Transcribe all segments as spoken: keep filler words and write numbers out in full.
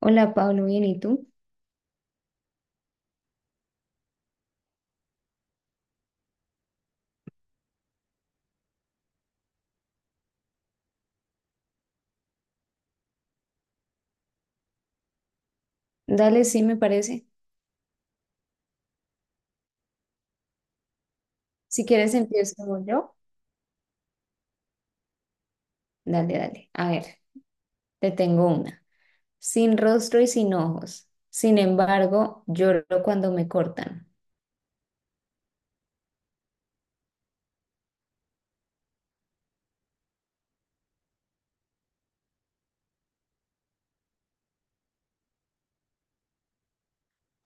Hola Pablo, bien, ¿y tú? Dale, sí me parece. Si quieres empiezo yo. Dale, dale. A ver, te tengo una. Sin rostro y sin ojos. Sin embargo, lloro cuando me cortan.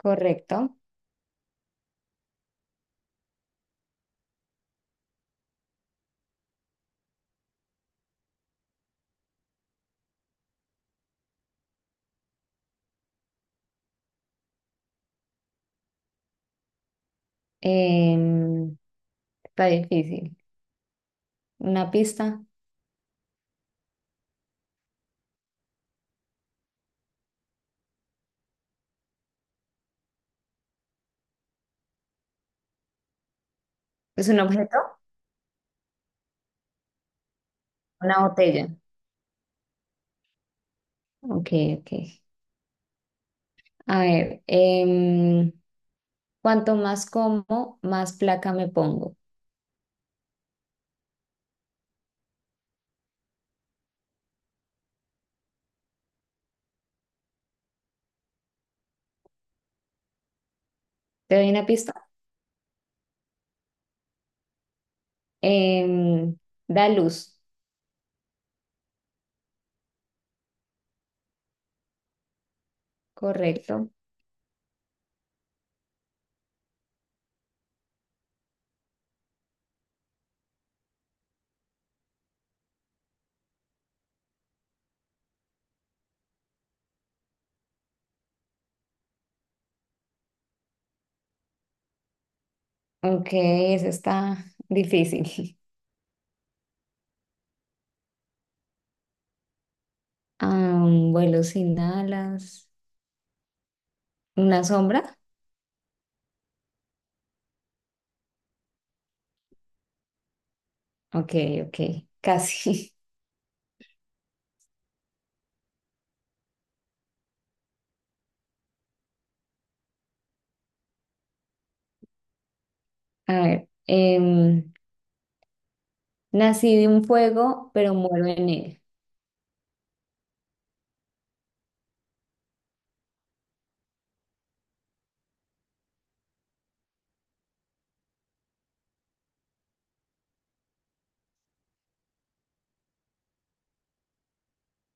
Correcto. Em, Está difícil. ¿Una pista? ¿Es un objeto? Una botella. Ok, ok. A ver, em, cuanto más como, más placa me pongo. ¿Te doy una pista? Em, Da luz. Correcto. Ok, eso está difícil. Ah, un vuelo sin alas. ¿Una sombra? Ok, ok, casi. A ver, em, nací de un fuego, pero muero en él.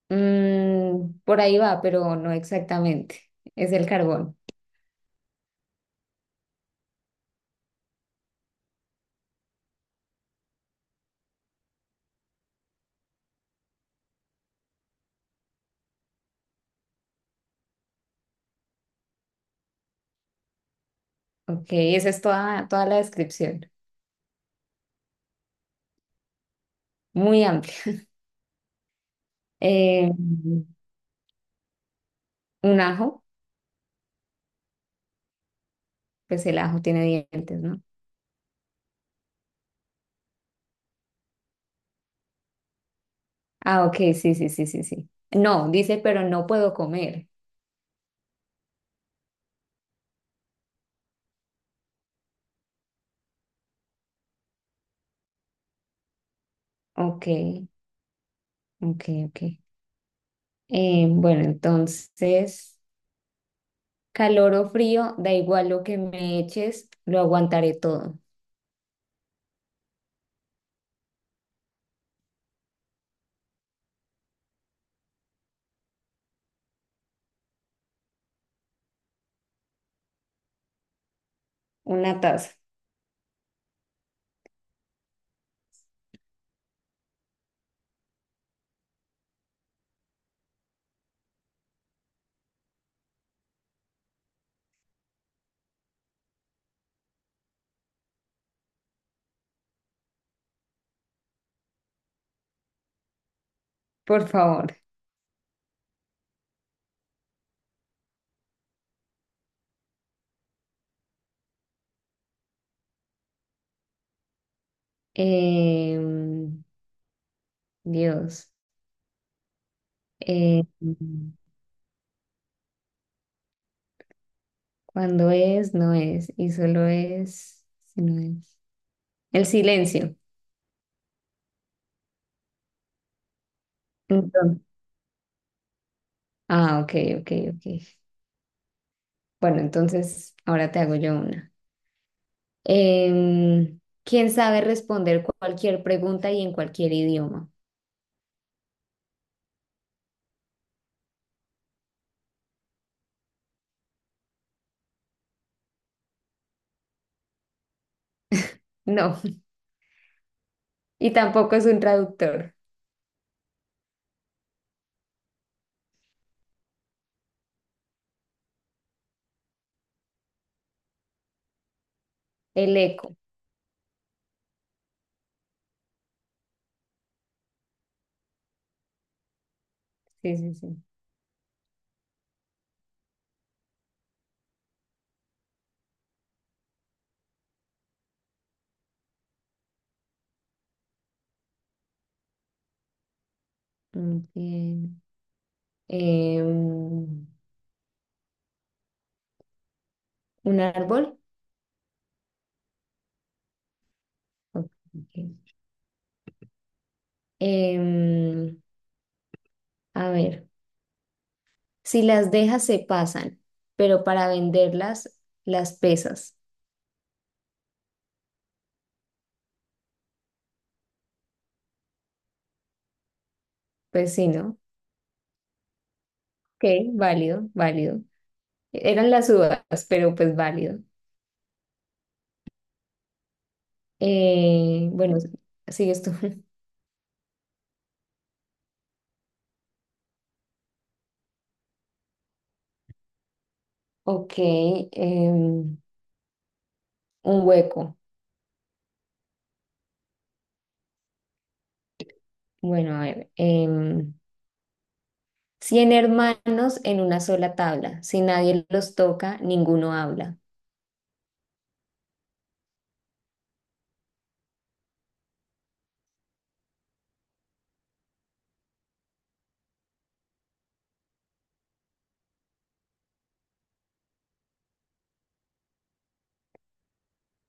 Mm, por ahí va, pero no exactamente. Es el carbón. Ok, esa es toda, toda la descripción. Muy amplia. Eh, un ajo, pues el ajo tiene dientes, ¿no? Ah, ok, sí, sí, sí, sí, sí. No, dice, pero no puedo comer. Ok. Ok, ok. Eh, bueno, entonces, calor o frío, da igual lo que me eches, lo aguantaré todo. Una taza, por favor. Em, Dios. Eh, cuando es, no es. Y solo es, si no es. El silencio. Entonces, ah, ok, ok, ok. Bueno, entonces, ahora te hago yo una. Em, ¿quién sabe responder cualquier pregunta y en cualquier idioma? No. Y tampoco es un traductor. El eco. Sí, sí, sí. Muy bien. Em, un árbol. Ok. Ok. Em, a ver. Si las dejas se pasan, pero para venderlas las pesas. Pues sí, ¿no? Ok, válido, válido. Eran las uvas, pero pues válido. Eh, bueno, sigues tú. Ok, em, un hueco. Bueno, a ver. em, Cien hermanos en una sola tabla. Si nadie los toca, ninguno habla.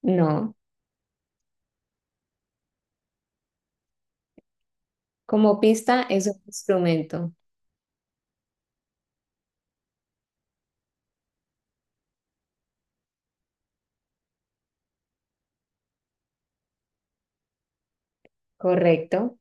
No. Como pista es un instrumento. Correcto.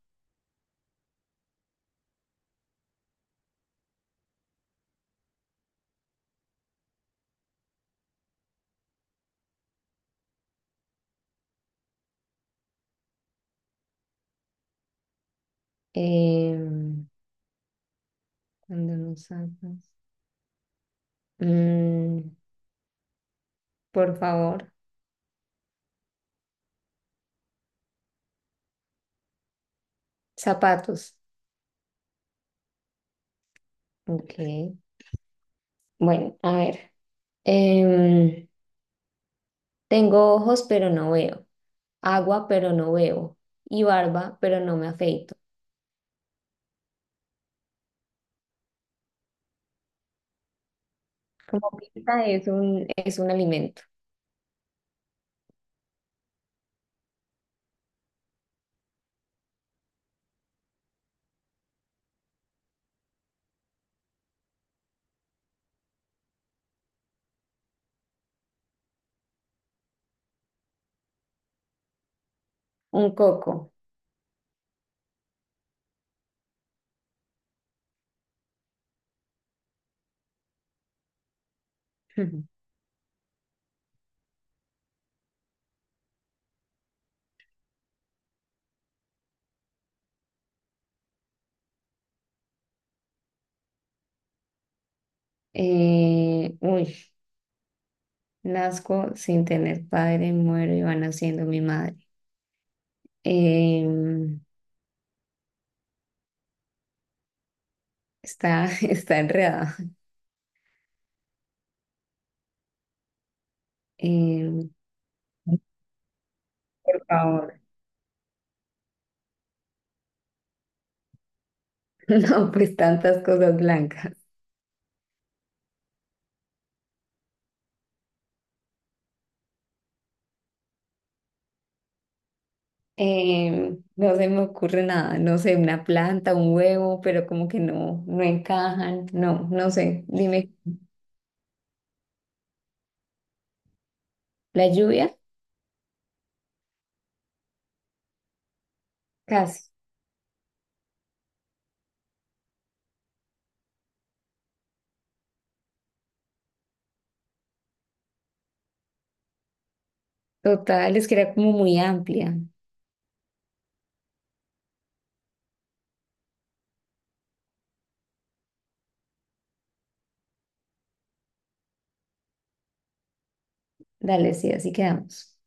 Em, cuando no sacas. Mm, por favor. Zapatos. Ok. Bueno, a ver. Em, tengo ojos, pero no veo. Agua, pero no bebo. Y barba, pero no me afeito. Como pista es un, es un alimento. Un coco. Eh, uy. Nazco sin tener padre, muero y va naciendo mi madre. Em, está, está enredada. Em, por favor. No, pues tantas cosas blancas. Em, no se me ocurre nada, no sé, una planta, un huevo, pero como que no, no encajan, no, no sé. Dime, ¿la lluvia? Casi. Total, es que era como muy amplia. Dale, sí, así quedamos.